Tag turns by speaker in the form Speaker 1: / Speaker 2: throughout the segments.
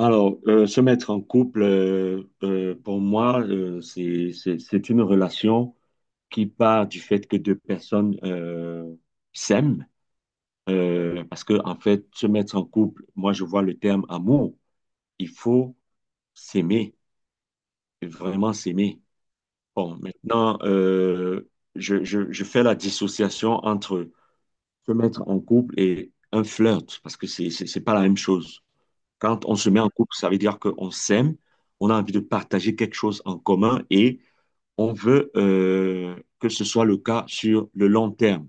Speaker 1: Alors, se mettre en couple, pour moi, c'est une relation qui part du fait que deux personnes s'aiment. Parce que, en fait, se mettre en couple, moi, je vois le terme amour. Il faut s'aimer, vraiment s'aimer. Bon, maintenant, je fais la dissociation entre se mettre en couple et un flirt, parce que c'est pas la même chose. Quand on se met en couple, ça veut dire qu'on s'aime, on a envie de partager quelque chose en commun et on veut que ce soit le cas sur le long terme.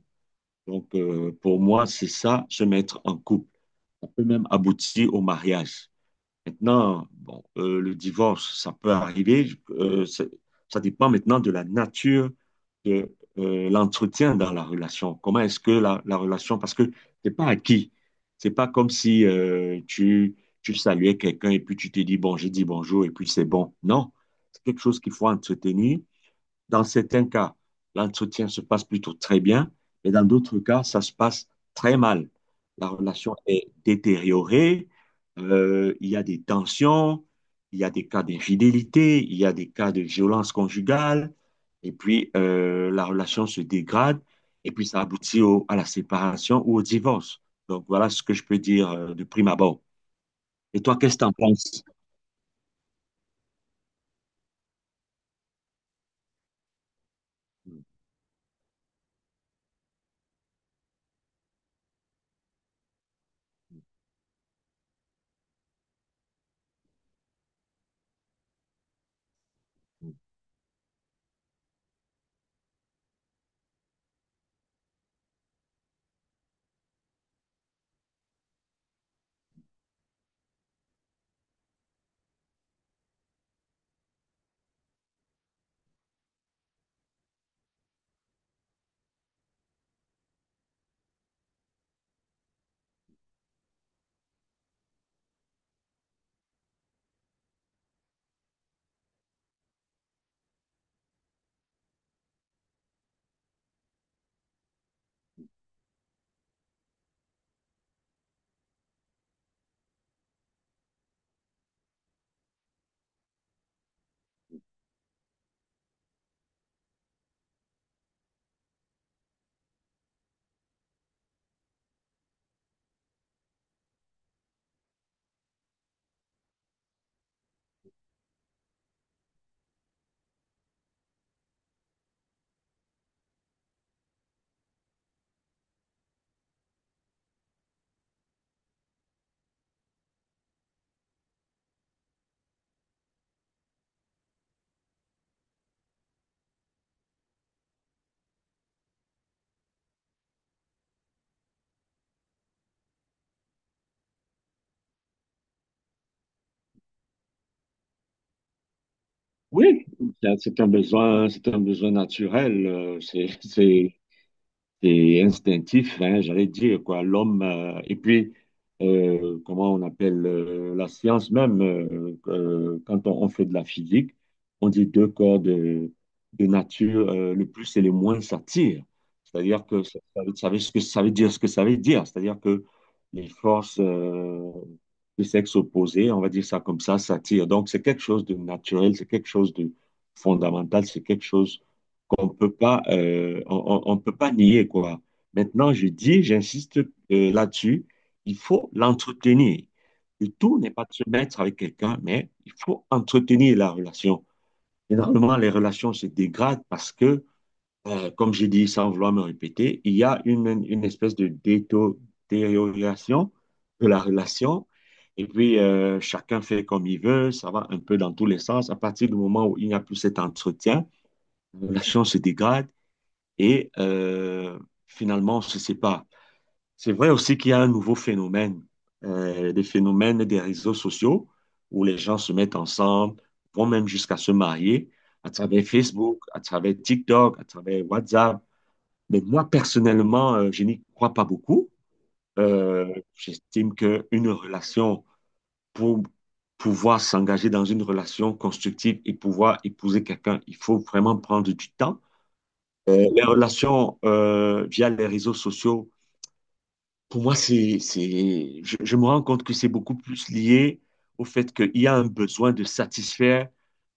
Speaker 1: Donc, pour moi, c'est ça, se mettre en couple. On peut même aboutir au mariage. Maintenant, bon, le divorce, ça peut arriver. Ça dépend maintenant de la nature de l'entretien dans la relation. Comment est-ce que la relation, parce que c'est pas acquis. C'est pas comme si tu saluais quelqu'un et puis tu te dis bon, j'ai dit bonjour et puis c'est bon. Non, c'est quelque chose qu'il faut entretenir. Dans certains cas, l'entretien se passe plutôt très bien, mais dans d'autres cas, ça se passe très mal. La relation est détériorée, il y a des tensions, il y a des cas d'infidélité, il y a des cas de violence conjugale, et puis la relation se dégrade, et puis ça à la séparation ou au divorce. Donc voilà ce que je peux dire de prime abord. Et toi, qu'est-ce que tu en penses? Oui, c'est un besoin, c'est un besoin naturel. C'est instinctif, hein, j'allais dire, quoi. L'homme, et puis, comment on appelle la science même, quand on fait de la physique, on dit deux corps de nature, le plus et le moins s'attirent. C'est-à-dire que ça, ça veut- ce que ça veut dire, ce que ça veut dire. C'est-à-dire que les forces de sexe opposé, on va dire ça comme ça, s'attirent. Donc, c'est quelque chose de naturel, c'est quelque chose de fondamental, c'est quelque chose on peut pas, on peut pas nier, quoi. Maintenant, je dis, j'insiste là-dessus, il faut l'entretenir. Le tout n'est pas de se mettre avec quelqu'un, mais il faut entretenir la relation. Généralement, les relations se dégradent parce que, comme je dis sans vouloir me répéter, il y a une espèce de détérioration de la relation. Et puis, chacun fait comme il veut, ça va un peu dans tous les sens. À partir du moment où il n'y a plus cet entretien, la relation se dégrade et finalement, on se sépare. C'est vrai aussi qu'il y a un nouveau phénomène, des phénomènes des réseaux sociaux où les gens se mettent ensemble, vont même jusqu'à se marier à travers Facebook, à travers TikTok, à travers WhatsApp. Mais moi, personnellement, je n'y crois pas beaucoup. J'estime qu'une relation, pour pouvoir s'engager dans une relation constructive et pouvoir épouser quelqu'un, il faut vraiment prendre du temps. Les relations via les réseaux sociaux, pour moi, je me rends compte que c'est beaucoup plus lié au fait qu'il y a un besoin de satisfaire,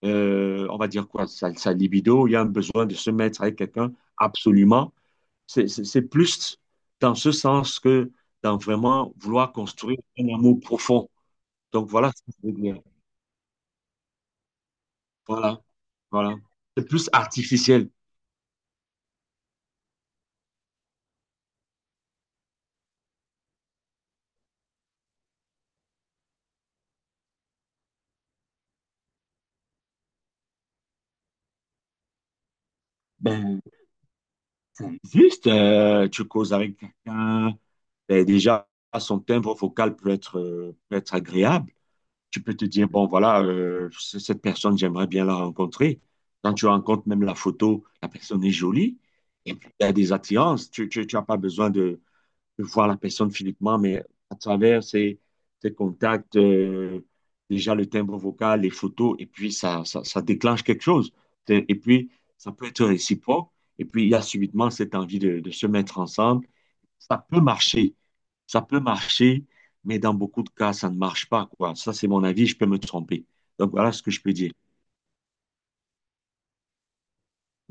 Speaker 1: on va dire quoi, sa libido, il y a un besoin de se mettre avec quelqu'un, absolument. C'est plus dans ce sens que dans vraiment vouloir construire un amour profond. Donc voilà ce que je veux dire. Voilà, voilà. C'est plus artificiel. Ben, c'est juste, tu causes avec quelqu'un. Ben, déjà, son timbre vocal peut être agréable. Tu peux te dire, bon, voilà, cette personne, j'aimerais bien la rencontrer. Quand tu rencontres même la photo, la personne est jolie. Et puis, il y a des attirances. Tu n'as pas besoin de voir la personne physiquement, mais à travers ces contacts, déjà le timbre vocal, les photos, et puis ça déclenche quelque chose. Et puis, ça peut être réciproque. Et puis, il y a subitement cette envie de se mettre ensemble ça peut marcher. Ça peut marcher, mais dans beaucoup de cas, ça ne marche pas, quoi. Ça, c'est mon avis, je peux me tromper. Donc, voilà ce que je peux dire.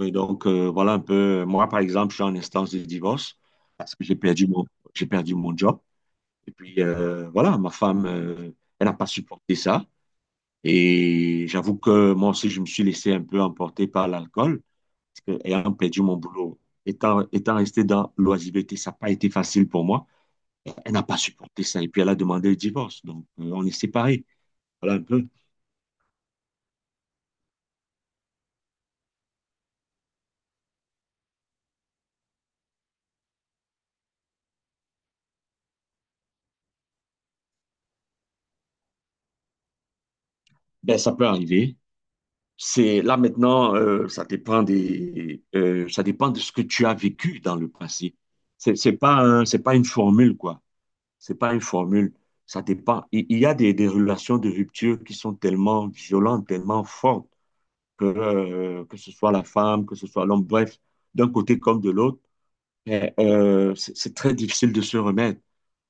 Speaker 1: Et donc, voilà un peu. Moi, par exemple, je suis en instance de divorce parce que j'ai perdu mon job. Et puis, voilà, ma femme, elle n'a pas supporté ça. Et j'avoue que moi aussi, je me suis laissé un peu emporter par l'alcool parce que, ayant perdu mon boulot, étant resté dans l'oisiveté, ça n'a pas été facile pour moi. Elle n'a pas supporté ça. Et puis, elle a demandé le divorce. Donc, on est séparés. Voilà un peu. Ben, ça peut arriver. C'est là maintenant, ça dépend de ce que tu as vécu dans le passé. C'est pas une formule quoi. C'est pas une formule. Ça dépend. Il y a des relations de rupture qui sont tellement violentes, tellement fortes que ce soit la femme, que ce soit l'homme, bref, d'un côté comme de l'autre, c'est très difficile de se remettre.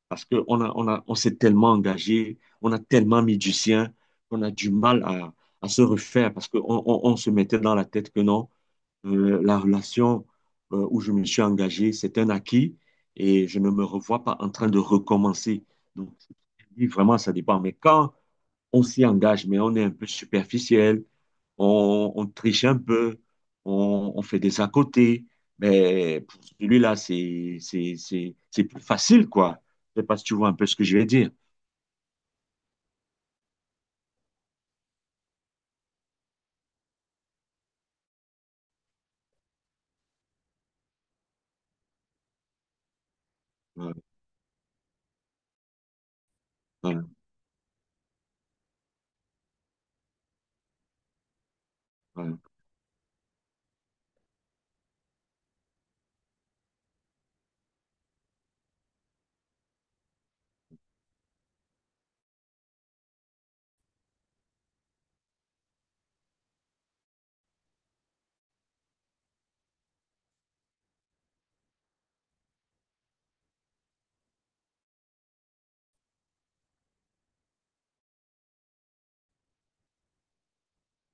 Speaker 1: Parce qu'on s'est tellement engagé, on a tellement mis du sien, qu'on a du mal à se refaire parce qu'se mettait dans la tête que non, la relation où je me suis engagé, c'est un acquis et je ne me revois pas en train de recommencer. Donc, oui, vraiment, ça dépend. Mais quand on s'y engage, mais on est un peu superficiel, on triche un peu, on fait des à côté, mais pour celui-là, c'est plus facile, quoi. Je sais pas si tu vois un peu ce que je vais dire. Voilà, voilà, voilà.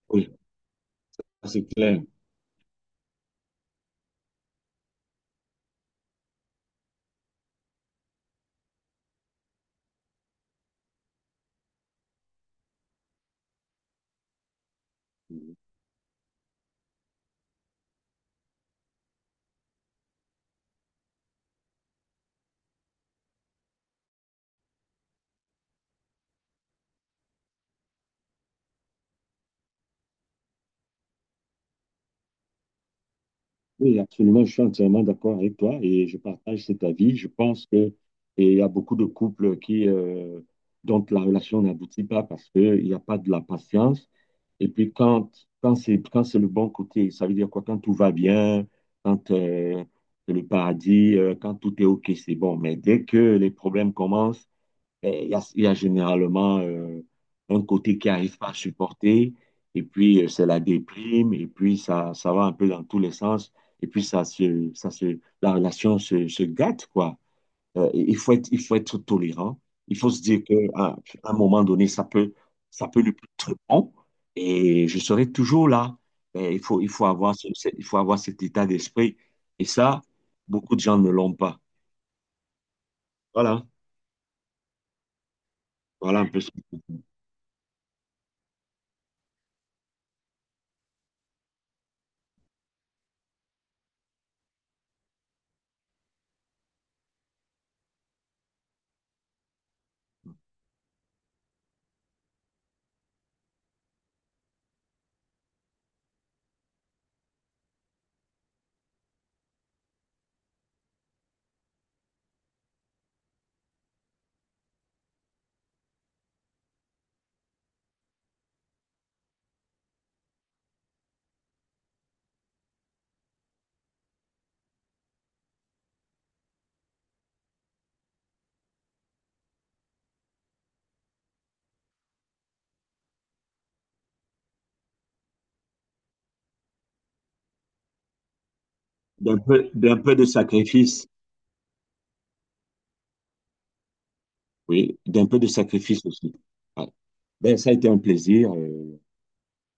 Speaker 1: Oui, ça, c'est clair. Oui, absolument, je suis entièrement d'accord avec toi et je partage cet avis. Je pense que et il y a beaucoup de couples qui dont la relation n'aboutit pas parce qu'il n'y a pas de la patience. Et puis quand c'est le bon côté, ça veut dire quoi? Quand tout va bien, quand c'est le paradis, quand tout est OK, c'est bon. Mais dès que les problèmes commencent, eh, il y a généralement un côté qui n'arrive pas à supporter, et puis c'est la déprime, et puis ça va un peu dans tous les sens, et puis la relation se gâte, quoi. Et il faut être tolérant. Il faut se dire qu'à un moment donné, ça peut ne plus être bon, et je serai toujours là. Mais il faut avoir il faut avoir cet état d'esprit. Et ça, beaucoup de gens ne l'ont pas. Voilà, voilà un peu, d'un peu de sacrifice. Oui, d'un peu de sacrifice aussi. Ouais. Ben, ça a été un plaisir.